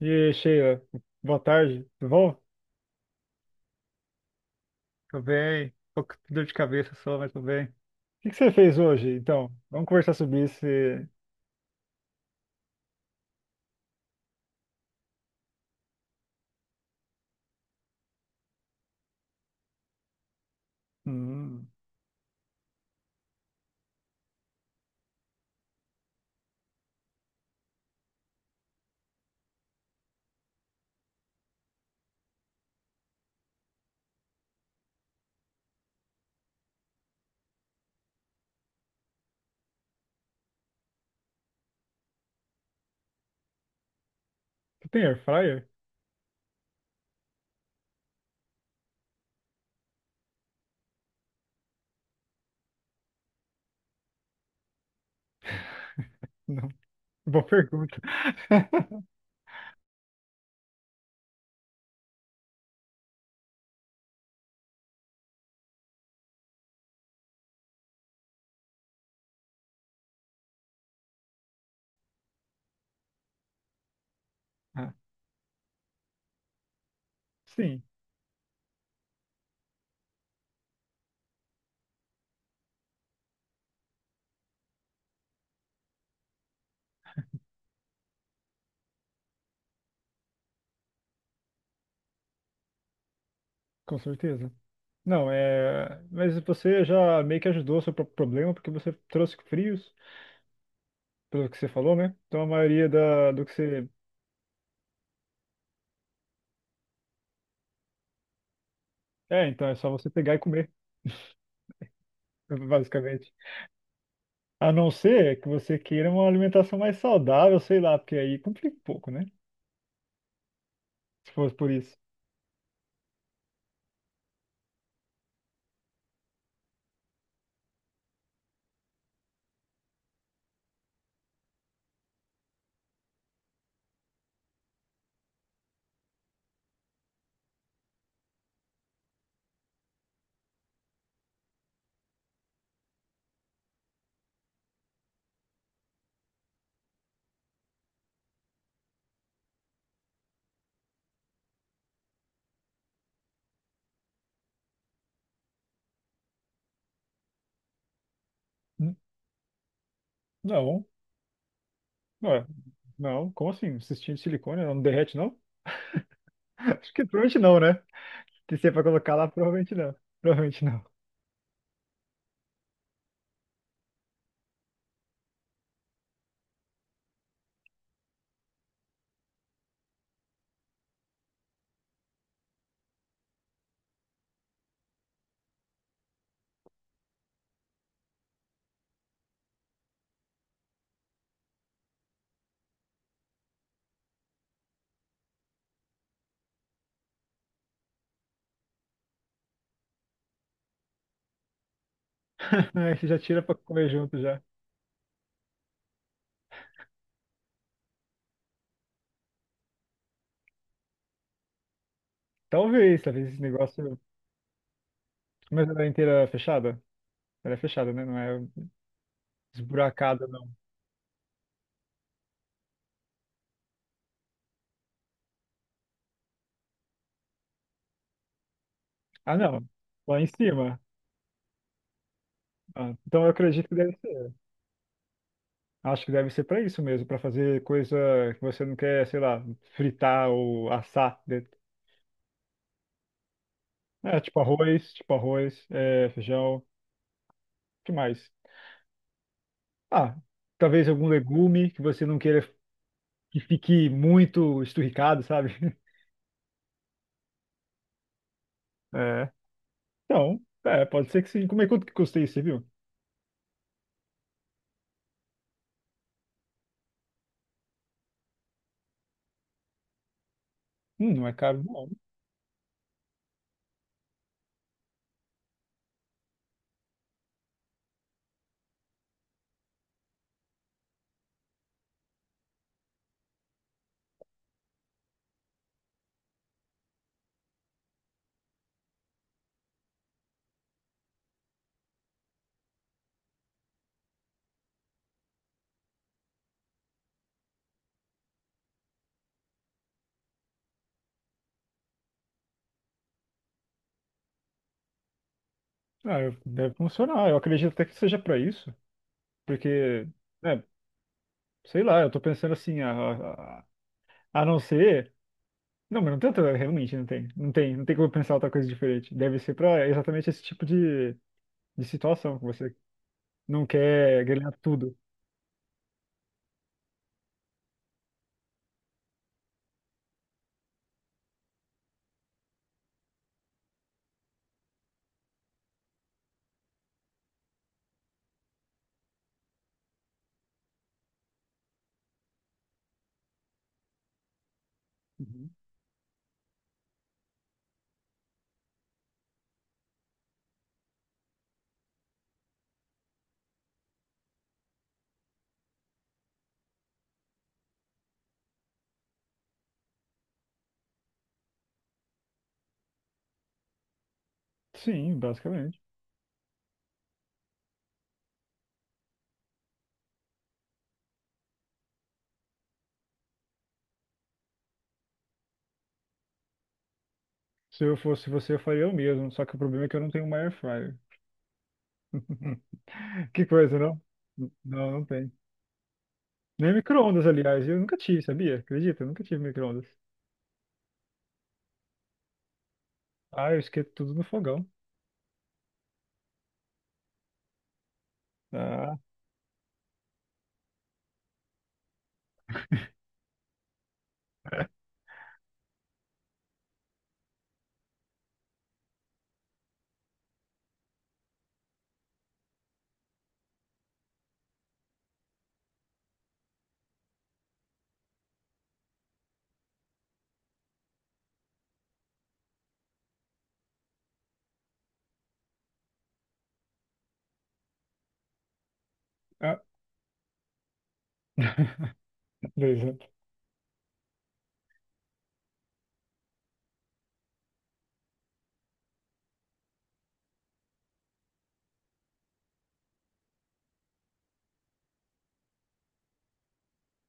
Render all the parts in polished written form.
E aí, Sheila, boa tarde, tudo bom? Tô bem, tô com dor de cabeça só, mas tô bem. O que que você fez hoje, então? Vamos conversar sobre isso. Hum, você tem air fryer? Não, boa pergunta. Ah, sim, com certeza. Não, mas você já meio que ajudou o seu próprio problema, porque você trouxe frios, pelo que você falou, né? Então a maioria do que você... É, então é só você pegar e comer, basicamente. A não ser que você queira uma alimentação mais saudável, sei lá, porque aí complica um pouco, né? Se fosse por isso. Hum, Não, ué, não, como assim? Cistinho de silicone não derrete, não? Acho que provavelmente não, né? Se você é pra colocar lá, provavelmente não. Provavelmente não. Aí você já tira pra comer junto já. Talvez esse negócio. Mas ela é inteira fechada? Ela é fechada, né? Não é esburacada, não. Ah, não. Lá em cima. Ah, então eu acredito que deve ser. Acho que deve ser para isso mesmo, para fazer coisa que você não quer, sei lá, fritar ou assar dentro. É, tipo arroz, feijão, o que mais? Ah, talvez algum legume que você não queira que fique muito esturricado, sabe? É. Então, pode ser que sim. Como é quanto que custa isso, você viu? Não é caro, não. Ah, deve funcionar. Eu acredito até que seja para isso, porque, né, sei lá, eu tô pensando assim, a não ser. Não, mas não tem realmente não tem. Não tem como pensar outra coisa diferente. Deve ser pra exatamente esse tipo de situação que você não quer ganhar tudo. Uhum. Sim, basicamente. Se eu fosse você, eu faria o mesmo. Só que o problema é que eu não tenho uma air fryer. Que coisa, não? Não, não tem. Nem micro-ondas, aliás. Eu nunca tive, sabia? Acredita? Eu nunca tive micro-ondas. Ah, eu esquento tudo no fogão. Ah, ah, beleza.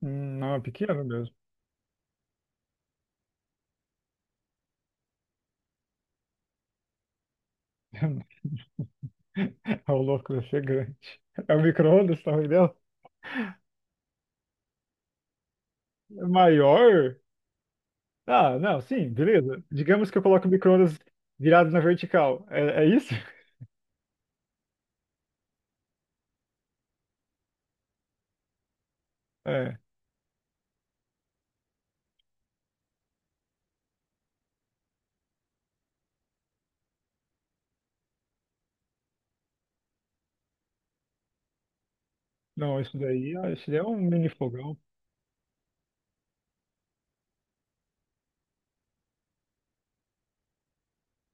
Não, é pequeno mesmo. É o louco, deve ser grande. É o micro-ondas, tá entendendo? Maior? Ah, não, sim, beleza. Digamos que eu coloco o micro-ondas virado na vertical. É isso? É. Não, isso daí, ah, isso daí é um mini fogão.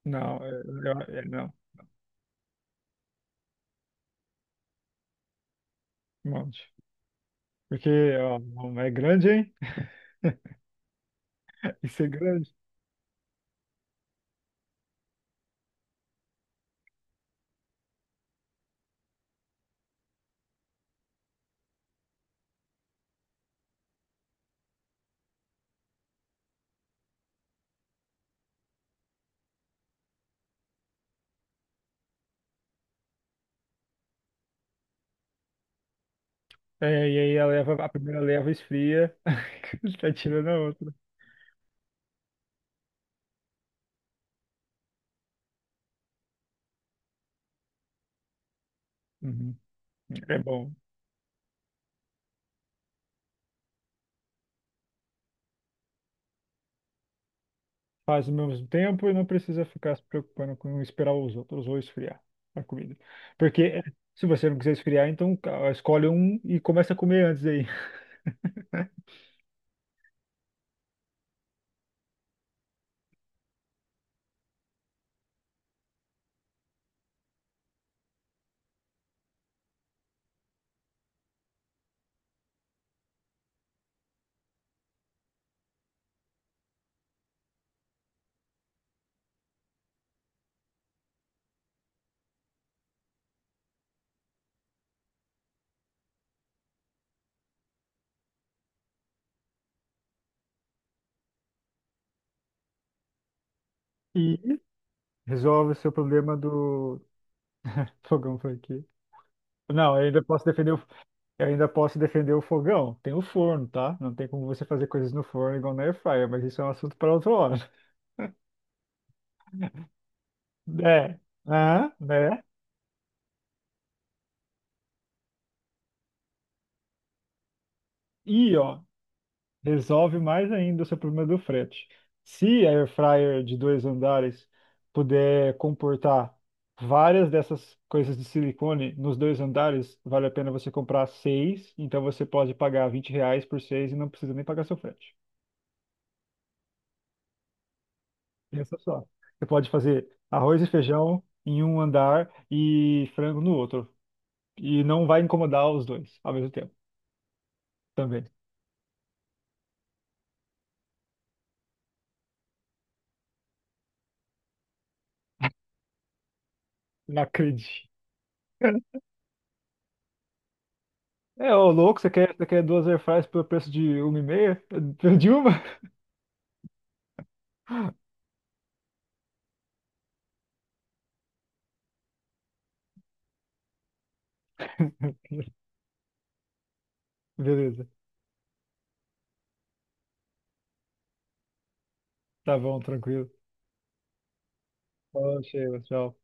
Não, não, um monte. Porque ó, não, é grande, hein? Isso é grande. É, e aí a primeira leva esfria, tá tirando a outra. Uhum. É bom. Faz ao mesmo tempo e não precisa ficar se preocupando com esperar os outros ou esfriar a comida. Porque se você não quiser esfriar, então escolhe um e começa a comer antes aí. E resolve o seu problema do fogão foi aqui. Não, eu ainda posso defender o fogão. Tem o forno, tá? Não tem como você fazer coisas no forno igual na airfryer, mas isso é um assunto para outra hora. É, ah, né? E ó, resolve mais ainda o seu problema do frete. Se a air fryer de dois andares puder comportar várias dessas coisas de silicone nos dois andares, vale a pena você comprar seis. Então você pode pagar R$ 20 por seis e não precisa nem pagar seu frete. Pensa só. Você pode fazer arroz e feijão em um andar e frango no outro. E não vai incomodar os dois ao mesmo tempo também. Não acredito. É, ô louco, você quer duas airfryers pelo preço de uma e meia? De uma? Beleza. Tá bom, tranquilo. Falou, Sheila. Tchau.